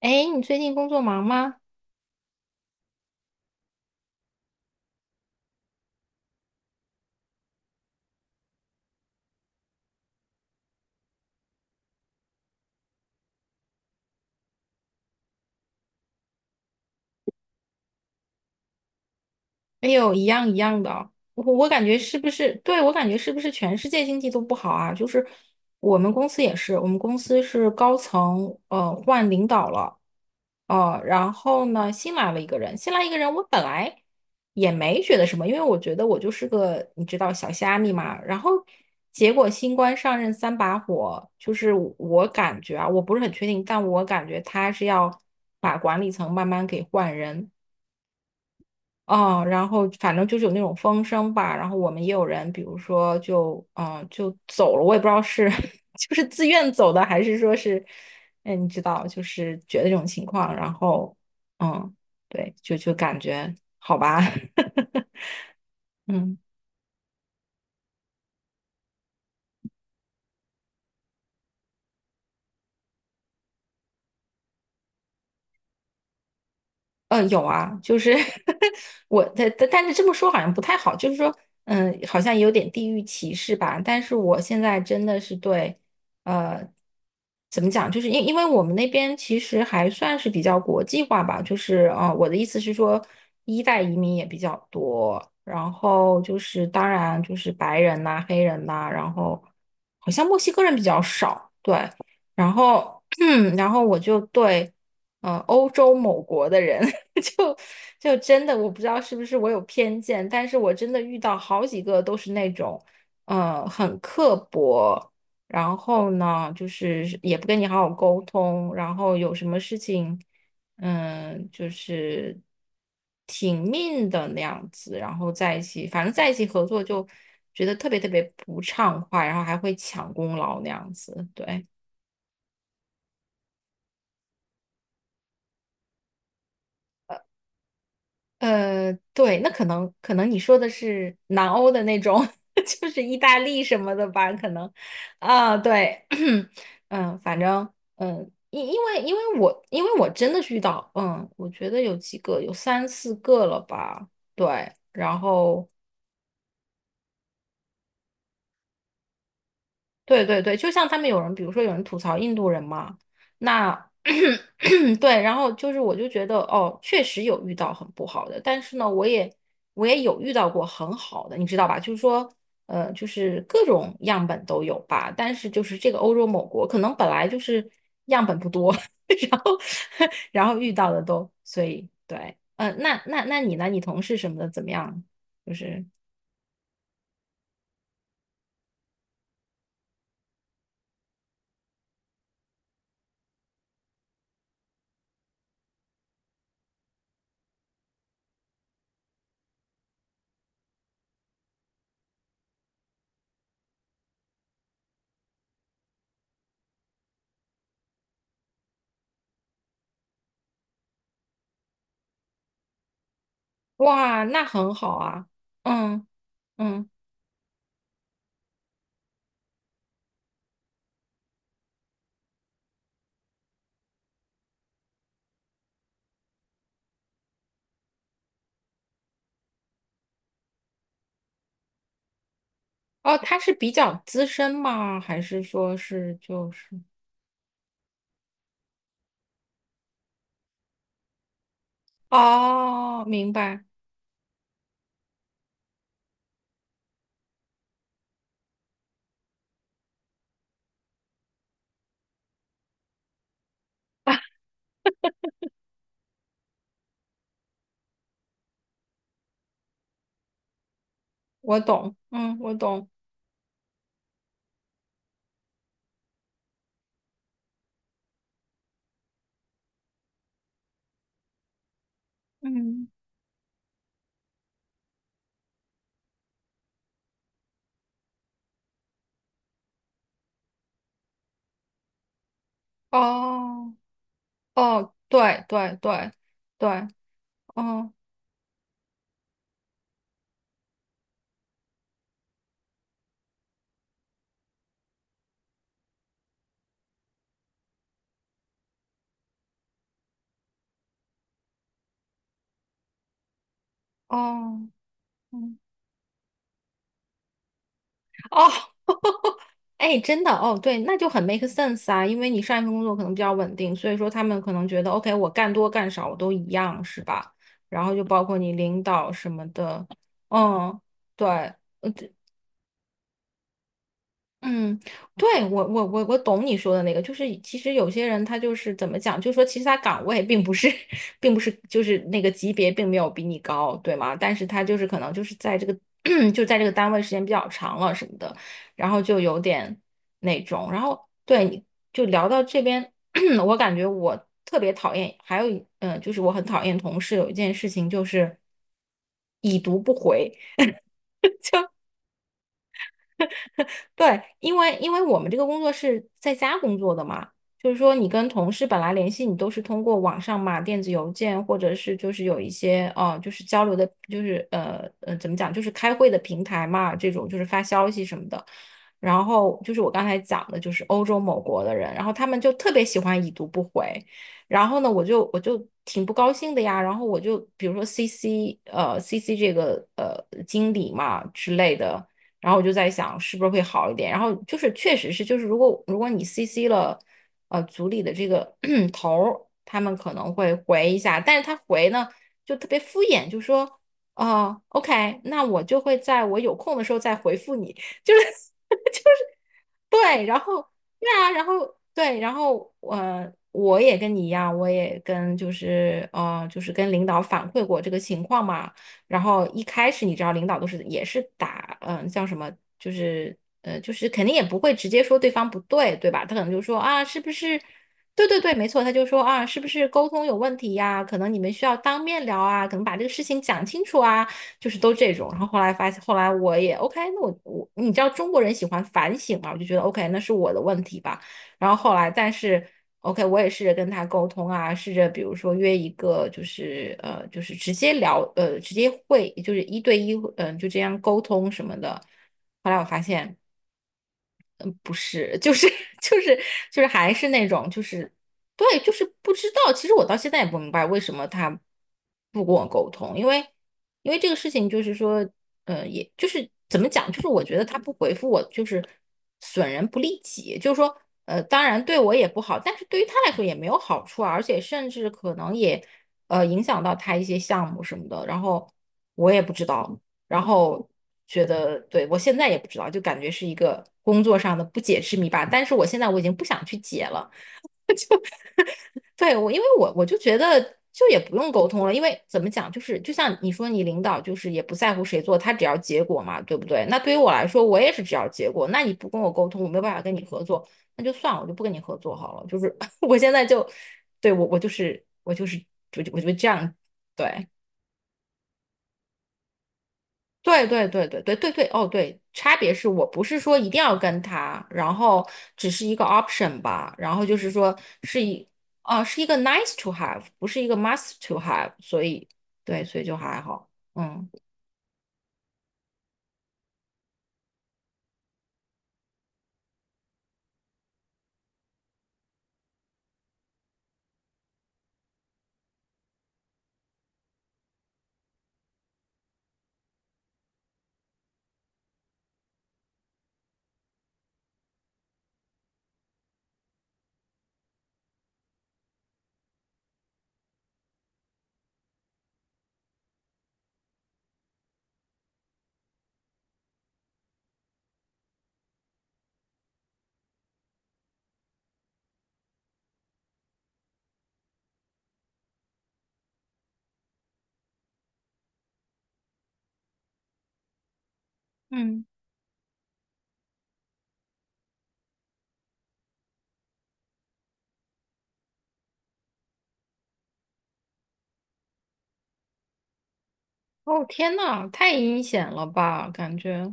哎，你最近工作忙吗？哎呦，一样一样的哦，我感觉是不是，对，我感觉是不是全世界经济都不好啊？就是我们公司也是，我们公司是高层换领导了，然后呢新来了一个人，新来一个人，我本来也没觉得什么，因为我觉得我就是个你知道小虾米嘛。然后结果新官上任三把火，就是我感觉啊，我不是很确定，但我感觉他是要把管理层慢慢给换人。哦，然后反正就是有那种风声吧，然后我们也有人，比如说就走了，我也不知道是 就是自愿走的，还是说是，哎，你知道，就是觉得这种情况，然后嗯，对，就感觉好吧。嗯。呃，有啊，就是 我的，但是这么说好像不太好，就是说，嗯，好像有点地域歧视吧。但是我现在真的是对，呃，怎么讲，就是因为我们那边其实还算是比较国际化吧，就是我的意思是说，一代移民也比较多，然后就是当然就是白人呐、黑人呐、然后好像墨西哥人比较少，对，然后 然后我就对。呃，欧洲某国的人 就就真的我不知道是不是我有偏见，但是我真的遇到好几个都是那种，嗯、很刻薄，然后呢，就是也不跟你好好沟通，然后有什么事情，嗯、就是挺命的那样子，然后在一起，反正在一起合作就觉得特别特别不畅快，然后还会抢功劳那样子，对。呃，对，那可能你说的是南欧的那种，就是意大利什么的吧？可能啊，对，嗯，反正嗯，因为我真的是遇到，嗯，我觉得有几个有三四个了吧，对，然后对对对，就像他们有人，比如说有人吐槽印度人嘛，那 对，然后就是我就觉得哦，确实有遇到很不好的，但是呢，我也有遇到过很好的，你知道吧？就是说，呃，就是各种样本都有吧，但是就是这个欧洲某国可能本来就是样本不多。然后 然后遇到的都，所以对，嗯、那你呢？你同事什么的怎么样？就是哇，那很好啊，嗯嗯。哦，他是比较资深吗？还是说是就是？哦，明白，我懂，嗯，我懂，嗯，哦，哦，对对对对，哦哦，嗯，哦，哎，真的，哦，对，那就很 make sense 啊，因为你上一份工作可能比较稳定，所以说他们可能觉得，OK，我干多干少我都一样，是吧？然后就包括你领导什么的，嗯，对。呃嗯，对，我懂你说的那个，就是其实有些人他就是怎么讲，就是说其实他岗位并不是，并不是就是那个级别并没有比你高，对吗？但是他就是可能就是在这个 就在这个单位时间比较长了什么的，然后就有点那种，然后对你就聊到这边，我感觉我特别讨厌，还有一嗯、就是我很讨厌同事有一件事情就是已读不回。对，因为我们这个工作是在家工作的嘛，就是说你跟同事本来联系，你都是通过网上嘛，电子邮件或者是就是有一些就是交流的，就是怎么讲，就是开会的平台嘛，这种就是发消息什么的。然后就是我刚才讲的，就是欧洲某国的人，然后他们就特别喜欢已读不回，然后呢，我就挺不高兴的呀，然后我就比如说 CC CC 这个经理嘛之类的。然后我就在想是不是会好一点。然后就是确实是，就是如果你 CC 了组里的这个 头儿，他们可能会回一下，但是他回呢就特别敷衍，就说OK，那我就会在我有空的时候再回复你，就是对，然后对啊，然后对，然后我也跟你一样，我也跟就是就是跟领导反馈过这个情况嘛。然后一开始你知道，领导都是也是打嗯、呃叫什么，就是就是肯定也不会直接说对方不对，对吧？他可能就说啊，是不是？对对对，没错，他就说啊，是不是沟通有问题呀？可能你们需要当面聊啊，可能把这个事情讲清楚啊。就是都这种。然后后来发现，后来我也 OK，那我你知道中国人喜欢反省嘛，我就觉得 OK，那是我的问题吧。然后后来，但是 OK，我也试着跟他沟通啊，试着比如说约一个，就是就是直接聊，呃，直接会，就是一对一，嗯、就这样沟通什么的。后来我发现。不是，就是就是还是那种就是对，就是不知道。其实我到现在也不明白为什么他不跟我沟通，因为因为这个事情就是说，也就是怎么讲，就是我觉得他不回复我就是损人不利己，就是说，呃，当然对我也不好，但是对于他来说也没有好处啊，而且甚至可能也影响到他一些项目什么的，然后我也不知道，然后觉得对我现在也不知道，就感觉是一个工作上的不解之谜吧。但是我现在我已经不想去解了，对我，因为我就觉得就也不用沟通了，因为怎么讲，就是就像你说，你领导就是也不在乎谁做，他只要结果嘛，对不对？那对于我来说，我也是只要结果。那你不跟我沟通，我没有办法跟你合作，那就算了，我就不跟你合作好了。就是 我现在就对我我就是我就是我就我就这样对。对对对对对对对，哦对，差别是我不是说一定要跟他，然后只是一个 option 吧，然后就是说是一，哦，是一个 nice to have，不是一个 must to have，所以对，所以就还好，嗯嗯，哦天呐，太阴险了吧，感觉，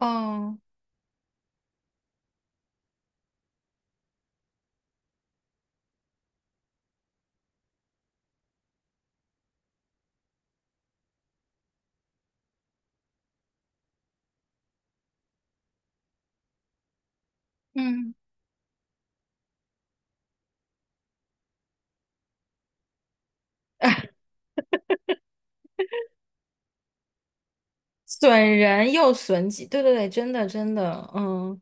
嗯嗯，损人又损己，对对对，真的真的，嗯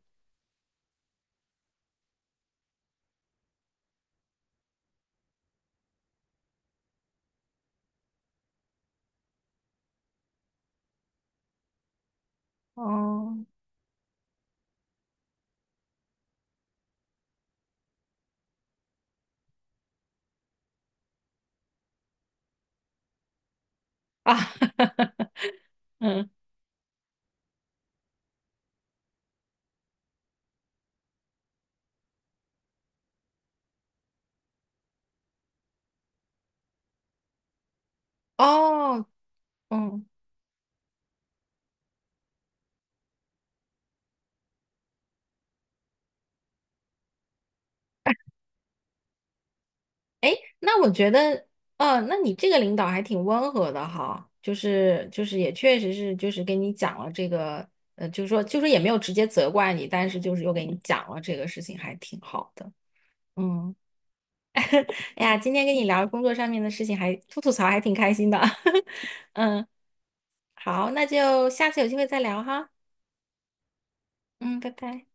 嗯啊，嗯哦嗯。哎，那我觉得，那你这个领导还挺温和的哈，就是也确实是就是跟你讲了这个，呃，就是说就是也没有直接责怪你，但是就是又给你讲了这个事情，还挺好的。嗯，哎呀，今天跟你聊工作上面的事情还，吐槽还挺开心的。嗯，好，那就下次有机会再聊哈。嗯，拜拜。